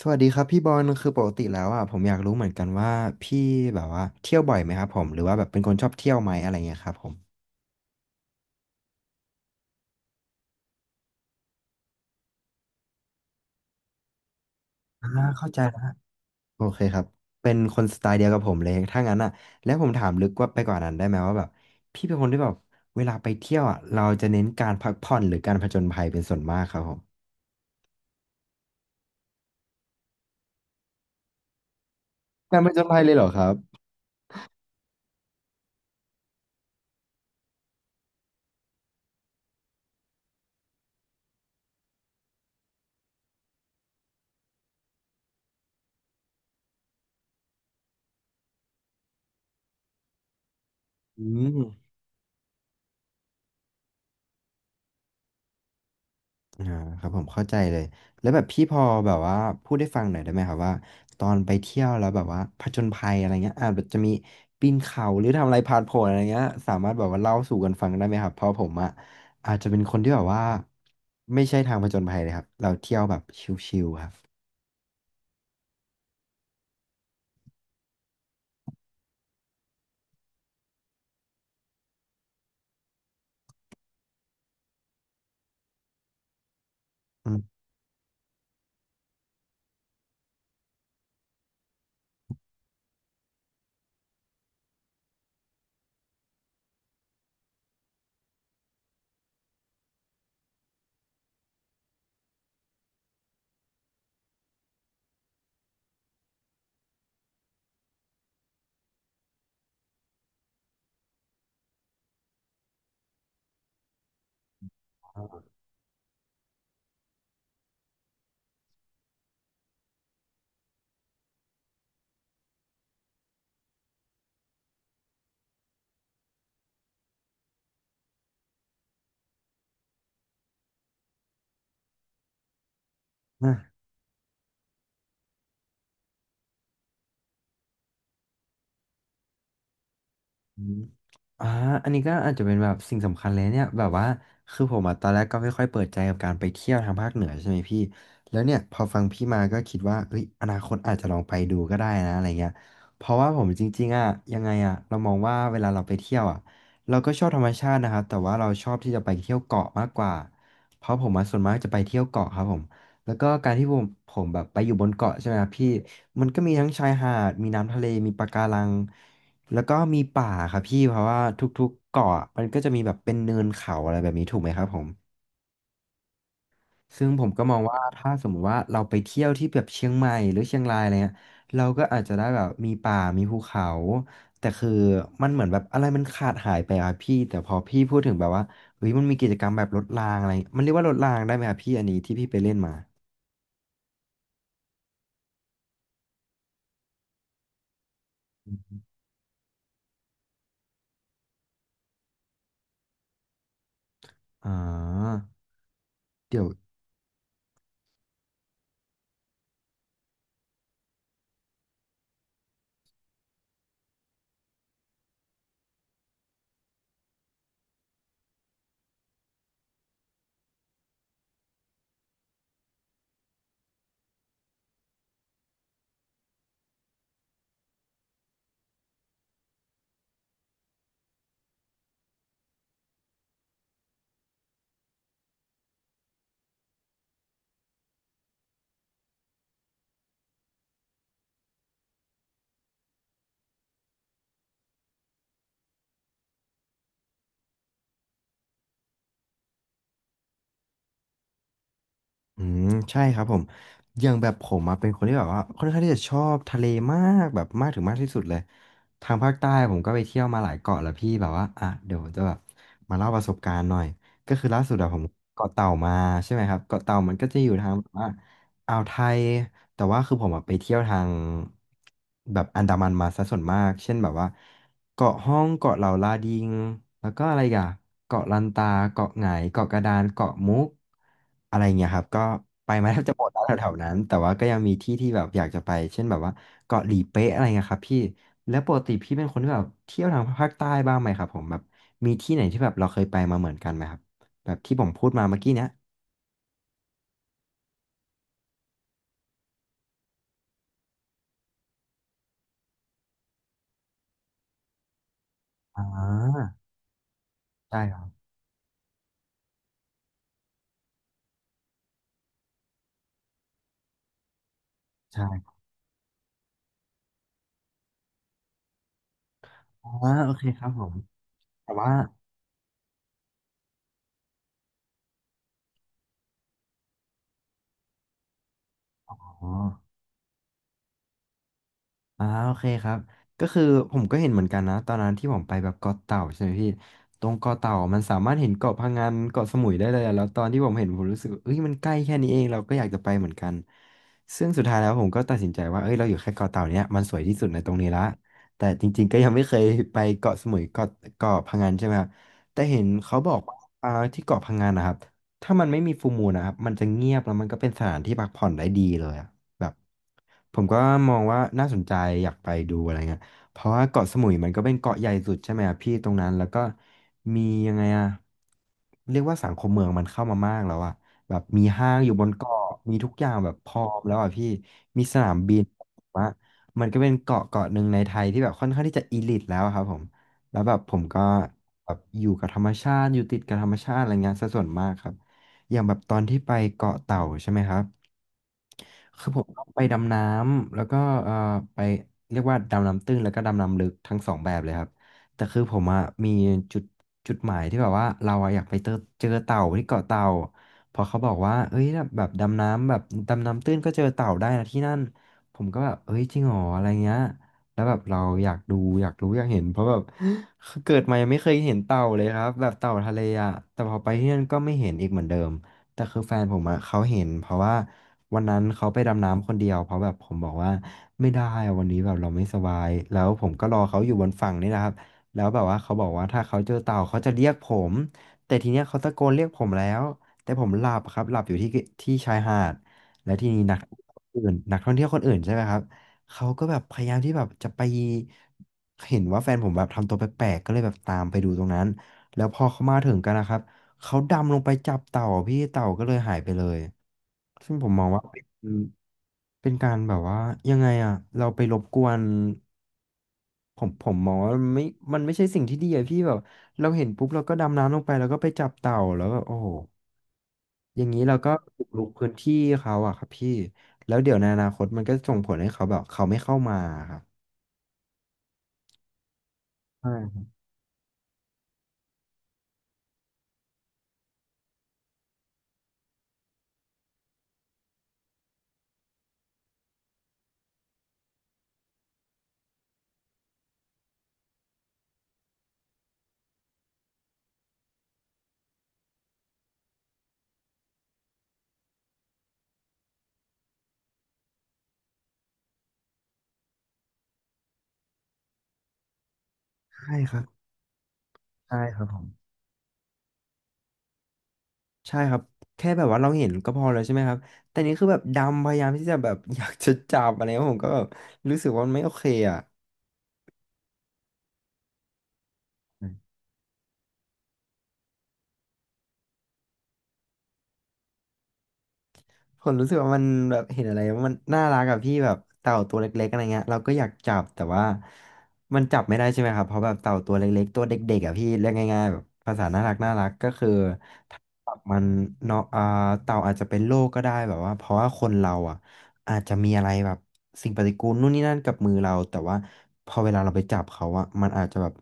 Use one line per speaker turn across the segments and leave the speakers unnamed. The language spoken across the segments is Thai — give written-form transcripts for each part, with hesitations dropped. สวัสดีครับพี่บอลคือปกติแล้วอ่ะผมอยากรู้เหมือนกันว่าพี่แบบว่าเที่ยวบ่อยไหมครับผมหรือว่าแบบเป็นคนชอบเที่ยวไหมอะไรเงี้ยครับผมอ่าเข้าใจแล้วครับโอเคครับเป็นคนสไตล์เดียวกับผมเลยถ้างั้นอ่ะแล้วผมถามลึกว่าไปกว่านั้นได้ไหมว่าแบบพี่เป็นคนที่แบบเวลาไปเที่ยวอ่ะเราจะเน้นการพักผ่อนหรือการผจญภัยเป็นส่วนมากครับผมการผจญภัยเลยเหรอครับอืม อ่าครับผมเข้าใจเลยแล้วแบบพี่พอแบบว่าพูดได้ฟังหน่อยได้ไหมครับว่าตอนไปเที่ยวแล้วแบบว่าผจญภัยอะไรเงี้ยอาจจะมีปีนเขาหรือทำอะไรผ่านผลอะไรเงี้ยสามารถแบบว่าเล่าสู่กันฟังได้ไหมครับเพราะผมอ่ะอาจจะเป็นคนที่แบบว่าไม่ใช่ทางผจญภัยเลยครับเราเที่ยวแบบชิลๆครับอืม อืมอ่าอันนี้ก็อาจจะเป็นแบบสิ่งสำคัญเลยเนี่ยแบบว่าคือผมอ่ะตอนแรกก็ไม่ค่อยเปิดใจกับการไปเที่ยวทางภาคเหนือใช่ไหมพี่แล้วเนี่ยพอฟังพี่มาก็คิดว่าเอ้ยอนาคตอาจจะลองไปดูก็ได้นะอะไรเงี้ยเพราะว่าผมจริงๆอ่ะยังไงอ่ะเรามองว่าเวลาเราไปเที่ยวอ่ะเราก็ชอบธรรมชาตินะครับแต่ว่าเราชอบที่จะไปเที่ยวเกาะมากกว่าเพราะผมอ่ะส่วนมากจะไปเที่ยวเกาะครับผมแล้วก็การที่ผมแบบไปอยู่บนเกาะใช่ไหมครับพี่มันก็มีทั้งชายหาดมีน้ำทะเลมีปะการัง แล้วก็มีป่าครับพี่เพราะว่าทุกๆเกาะมันก็จะมีแบบเป็นเนินเขาอะไรแบบนี้ถูกไหมครับผมซึ่งผมก็มองว่าถ้าสมมติว่าเราไปเที่ยวที่แบบเชียงใหม่หรือเชียงรายอะไรเงี้ยเราก็อาจจะได้แบบมีป่ามีภูเขาแต่คือมันเหมือนแบบอะไรมันขาดหายไปอะพี่แต่พอพี่พูดถึงแบบว่าเฮ้ยมันมีกิจกรรมแบบรถรางอะไรมันเรียกว่ารถรางได้ไหมครับพี่อันนี้ที่พี่ไปเล่นมาอ่าเดี๋ยว อืมใช่ครับผมอย่างแบบผมอะเป็นคนที่แบบว่าค่อนข้างที่จะชอบทะเลมากแบบมากถึงมากที่สุดเลยทางภาคใต้ผมก็ไปเที่ยวมาหลายเกาะแล้วพี่แบบว่าอ่ะเดี๋ยวจะแบบมาเล่าประสบการณ์หน่อยก็คือล่าสุดอะผมเกาะเต่ามาใช่ไหมครับเกาะเต่ามันก็จะอยู่ทางแบบว่า อ่าวไทยแต่ว่าคือผมอะไปเที่ยวทางแบบอันดามันมาซะส่วนมากเช่นแบบว่าเกาะห้องเกาะเหล่าลาดิงแล้วก็อะไรอีกอะเกาะลันตาเกาะไหงเกาะกระดานเกาะมุกอะไรเงี้ยครับก็ไปมาแทบจะหมดแล้วแถวๆนั้นแต่ว่าก็ยังมีที่ที่แบบอยากจะไปเช่นแบบว่าเกาะหลีเป๊ะอะไรเงี้ยครับพี่แล้วปกติพี่เป็นคนที่แบบเที่ยวทางภาคใต้บ้างไหมครับผมแบบมีที่ไหนที่แบบเราเคยไปมาเหมือนกันไหมครับแบบที่ผมพูดมาเมื่อกี้เนี้ยอ่าใช่ครับ อ่าโอเคครับผมแต่ว่าอ๋ออ่าโอเคครับก็คือผมก็เห็นเหมือนกันนะตอนนั้นที่ผมไปแบบเกาะเต่าใช่ไหมพี่ตรงเกาะเต่ามันสามารถเห็นเกาะพะงันเกาะสมุยได้เลยอะแล้วตอนที่ผมเห็นผมรู้สึกว่าเอ้ยมันใกล้แค่นี้เองเราก็อยากจะไปเหมือนกันซึ่งสุดท้ายแล้วผมก็ตัดสินใจว่าเอ้ยเราอยู่แค่เกาะเต่าเนี้ยมันสวยที่สุดในตรงนี้ละแต่จริงๆก็ยังไม่เคยไปเกาะสมุยเกาะพะงันใช่ไหมครับแต่เห็นเขาบอกว่าอ่าที่เกาะพะงันนะครับถ้ามันไม่มีฟูลมูนนะครับมันจะเงียบแล้วมันก็เป็นสถานที่พักผ่อนได้ดีเลยอะ แบบผมก็มองว่าน่าสนใจอยากไปดูอะไรเงี้ยเพราะว่าเกาะสมุยมันก็เป็นเกาะใหญ่สุดใช่ไหมอะพี่ตรงนั้นแล้วก็มียังไงอะเรียกว่าสังคมเมืองมันเข้ามามากแล้วอะแบบมีห้างอยู่บนเกาะมีทุกอย่างแบบพร้อมแล้วอะพี่มีสนามบินผมว่ามันก็เป็นเกาะเกาะหนึ่งในไทยที่แบบค่อนข้างที่จะอีลิทแล้วอะครับผมแล้วแบบผมก็แบบอยู่กับธรรมชาติอยู่ติดกับธรรมชาติอะไรเงี้ยซะส่วนมากครับอย่างแบบตอนที่ไปเกาะเต่าใช่ไหมครับ คือผมต้องไปดำน้ำแล้วก็เอ่อไปเรียกว่าดำน้ำตื้นแล้วก็ดำน้ำลึกทั้งสองแบบเลยครับแต่คือผมอะมีจุดจุดหมายที่แบบว่าเราอะอยากไปเจอเจอเต่าที่เกาะเต่าเพอเขาบอกว่าเอ้ยแบบดำน้ำแบบดำน้ำตื้นก็เจอเต่าได้นะที่นั่นผมก็แบบเอ้ยจริงเหรออะไรเงี้ยแล้วแบบเราอยากดูอยากรู้อยากเห็นเพราะแบบ เกิดมายังไม่เคยเห็นเต่าเลยครับแบบเต่าทะเลอะแต่พอไปที่นั่นก็ไม่เห็นอีกเหมือนเดิม แต่คือแฟนผมอะเขาเห็นเพราะว่าวันนั้นเขาไปดำน้ำคนเดียวเพราะแบบผมบอกว่าไม่ได้อะวันนี้แบบเราไม่สบายแล้วผมก็รอเขาอยู่บนฝั่งนี่นะครับแล้วแบบว่าเขาบอกว่าถ้าเขาเจอเต่าเขาจะเรียกผมแต่ทีเนี้ยเขาตะโกนเรียกผมแล้วแต่ผมหลับครับหลับอยู่ที่ชายหาดและทีนี้นักอื่นนักท่องเที่ยวคนอื่นใช่ไหมครับเขาก็แบบพยายามที่แบบจะไปเห็นว่าแฟนผมแบบทำตัวแปลกๆก็เลยแบบตามไปดูตรงนั้นแล้วพอเขามาถึงกันนะครับ เขาดำลงไปจับเต่าอะพี่เต่าก็เลยหายไปเลยซึ่งผมมองว่าเป็นเป็นการแบบว่ายังไงอะเราไปรบกวนผมมองว่ามันไม่ใช่สิ่งที่ดีอะพี่แบบเราเห็นปุ๊บเราก็ดำน้ำลงไปแล้วก็ไปจับเต่าแล้วแบบโอ้โหอย่างนี้เราก็บุกรุกพื้นที่เขาอะครับพี่แล้วเดี๋ยวในอนาคตมันก็ส่งผลให้เขาแบบเขาไม่เข้ามาครับใช่ครับใช่ครับใช่ครับผม ใช่ครับแค่แบบว่าเราเห็นก็พอแล้วใช่ไหมครับแต่นี่คือแบบดำพยายามที่จะแบบ อยากจะจับอะไรเงี้ยผมก็แบบรู้สึกว่ามันไม่โอเคอ่ะ ผมรู้สึกว่ามันแบบเห็นอะไรมันน่ารักกับพี่แบบเต่าตัวเล็กๆอะไรเงี้ยเราก็อยากจับแต่ว่ามันจับไม่ได้ใช่ไหมครับเพราะแบบเต่าตัวเล็กๆตัวเด็กๆอ่ะพี่เรียกง่ายๆแบบภาษาน่ารักน่ารักก็คือถ้าจับมันเนาะอ่าเต่าอาจจะเป็นโรคก็ได้แบบว่าเพราะว่าคนเราอ่ะอาจจะมีอะไรแบบสิ่งปฏิกูลนู่นนี่นั่นกับมือเราแต่ว่าพอเวลาเราไปจับเขาอ่ะมันอาจจะแบบ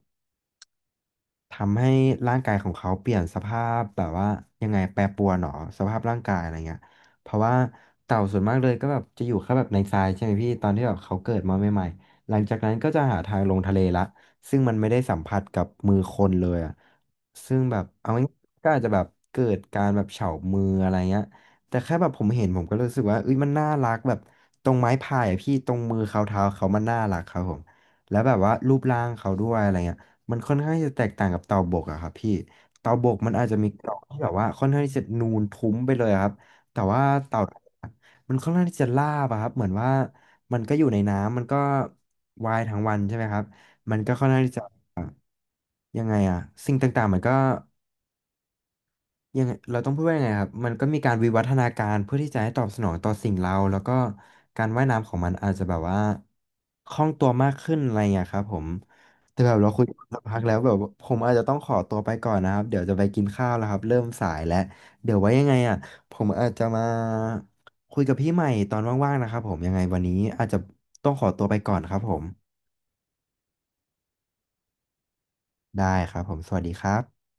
ทำให้ร่างกายของเขาเปลี่ยนสภาพแบบว่ายังไงแปรปรวนหรอสภาพร่างกายอะไรเงี้ยเพราะว่าเต่าส่วนมากเลยก็แบบจะอยู่แค่แบบในทรายใช่ไหมพี่ตอนที่แบบเขาเกิดมาใหม่ๆหลังจากนั้นก็จะหาทางลงทะเลละซึ่งมันไม่ได้สัมผัสกับมือคนเลยอ่ะซึ่งแบบเอาง่ายๆก็อาจจะแบบเกิดการแบบเฉามืออะไรเงี้ยแต่แค่แบบผมเห็นผมก็รู้สึกว่าเอ้ยมันน่ารักแบบตรงไม้พายอะพี่ตรงมือเขาเท้าเขามันน่ารักครับผมแล้วแบบว่ารูปร่างเขาด้วยอะไรเงี้ย มันค่อนข้างจะแตกต่างกับเตาบกอะครับพี่เตาบกมันอาจจะมีกรอบที่แบบว่าค่อนข้างที่จะนูนทุ้มไปเลยอะครับแต่ว่าเตามันค่อนข้างที่จะลาบอะครับเหมือนว่ามันก็อยู่ในน้ำมันก็วายทั้งวันใช่ไหมครับมันก็ค่อนข้างที่จะยังไงอะสิ่งต่างๆมันก็ ยังไงเราต้องพูดว่ายังไงครับมันก็มีการวิวัฒนาการเพื่อที่จะให้ตอบสนองต่อสิ่งเราแล้วก็การว่ายน้ำของมันอาจจะแบบว่าคล่องตัวมากขึ้นอะไรเงี้ยครับผมแต่แบบเราคุยกันสักพักแล้วแบบว่าผมอาจจะต้องขอตัวไปก่อนนะครับเดี๋ยวจะไปกินข้าวแล้วครับเริ่มสายแล้วเดี๋ยวไว้ยังไงอ่ะผมอาจจะมาคุยกับพี่ใหม่ตอนว่างๆนะครับผมยังไงวันนี้อาจจะต้องขอตัวไปก่อนครับผมได้ครับผมสวัสดีครับ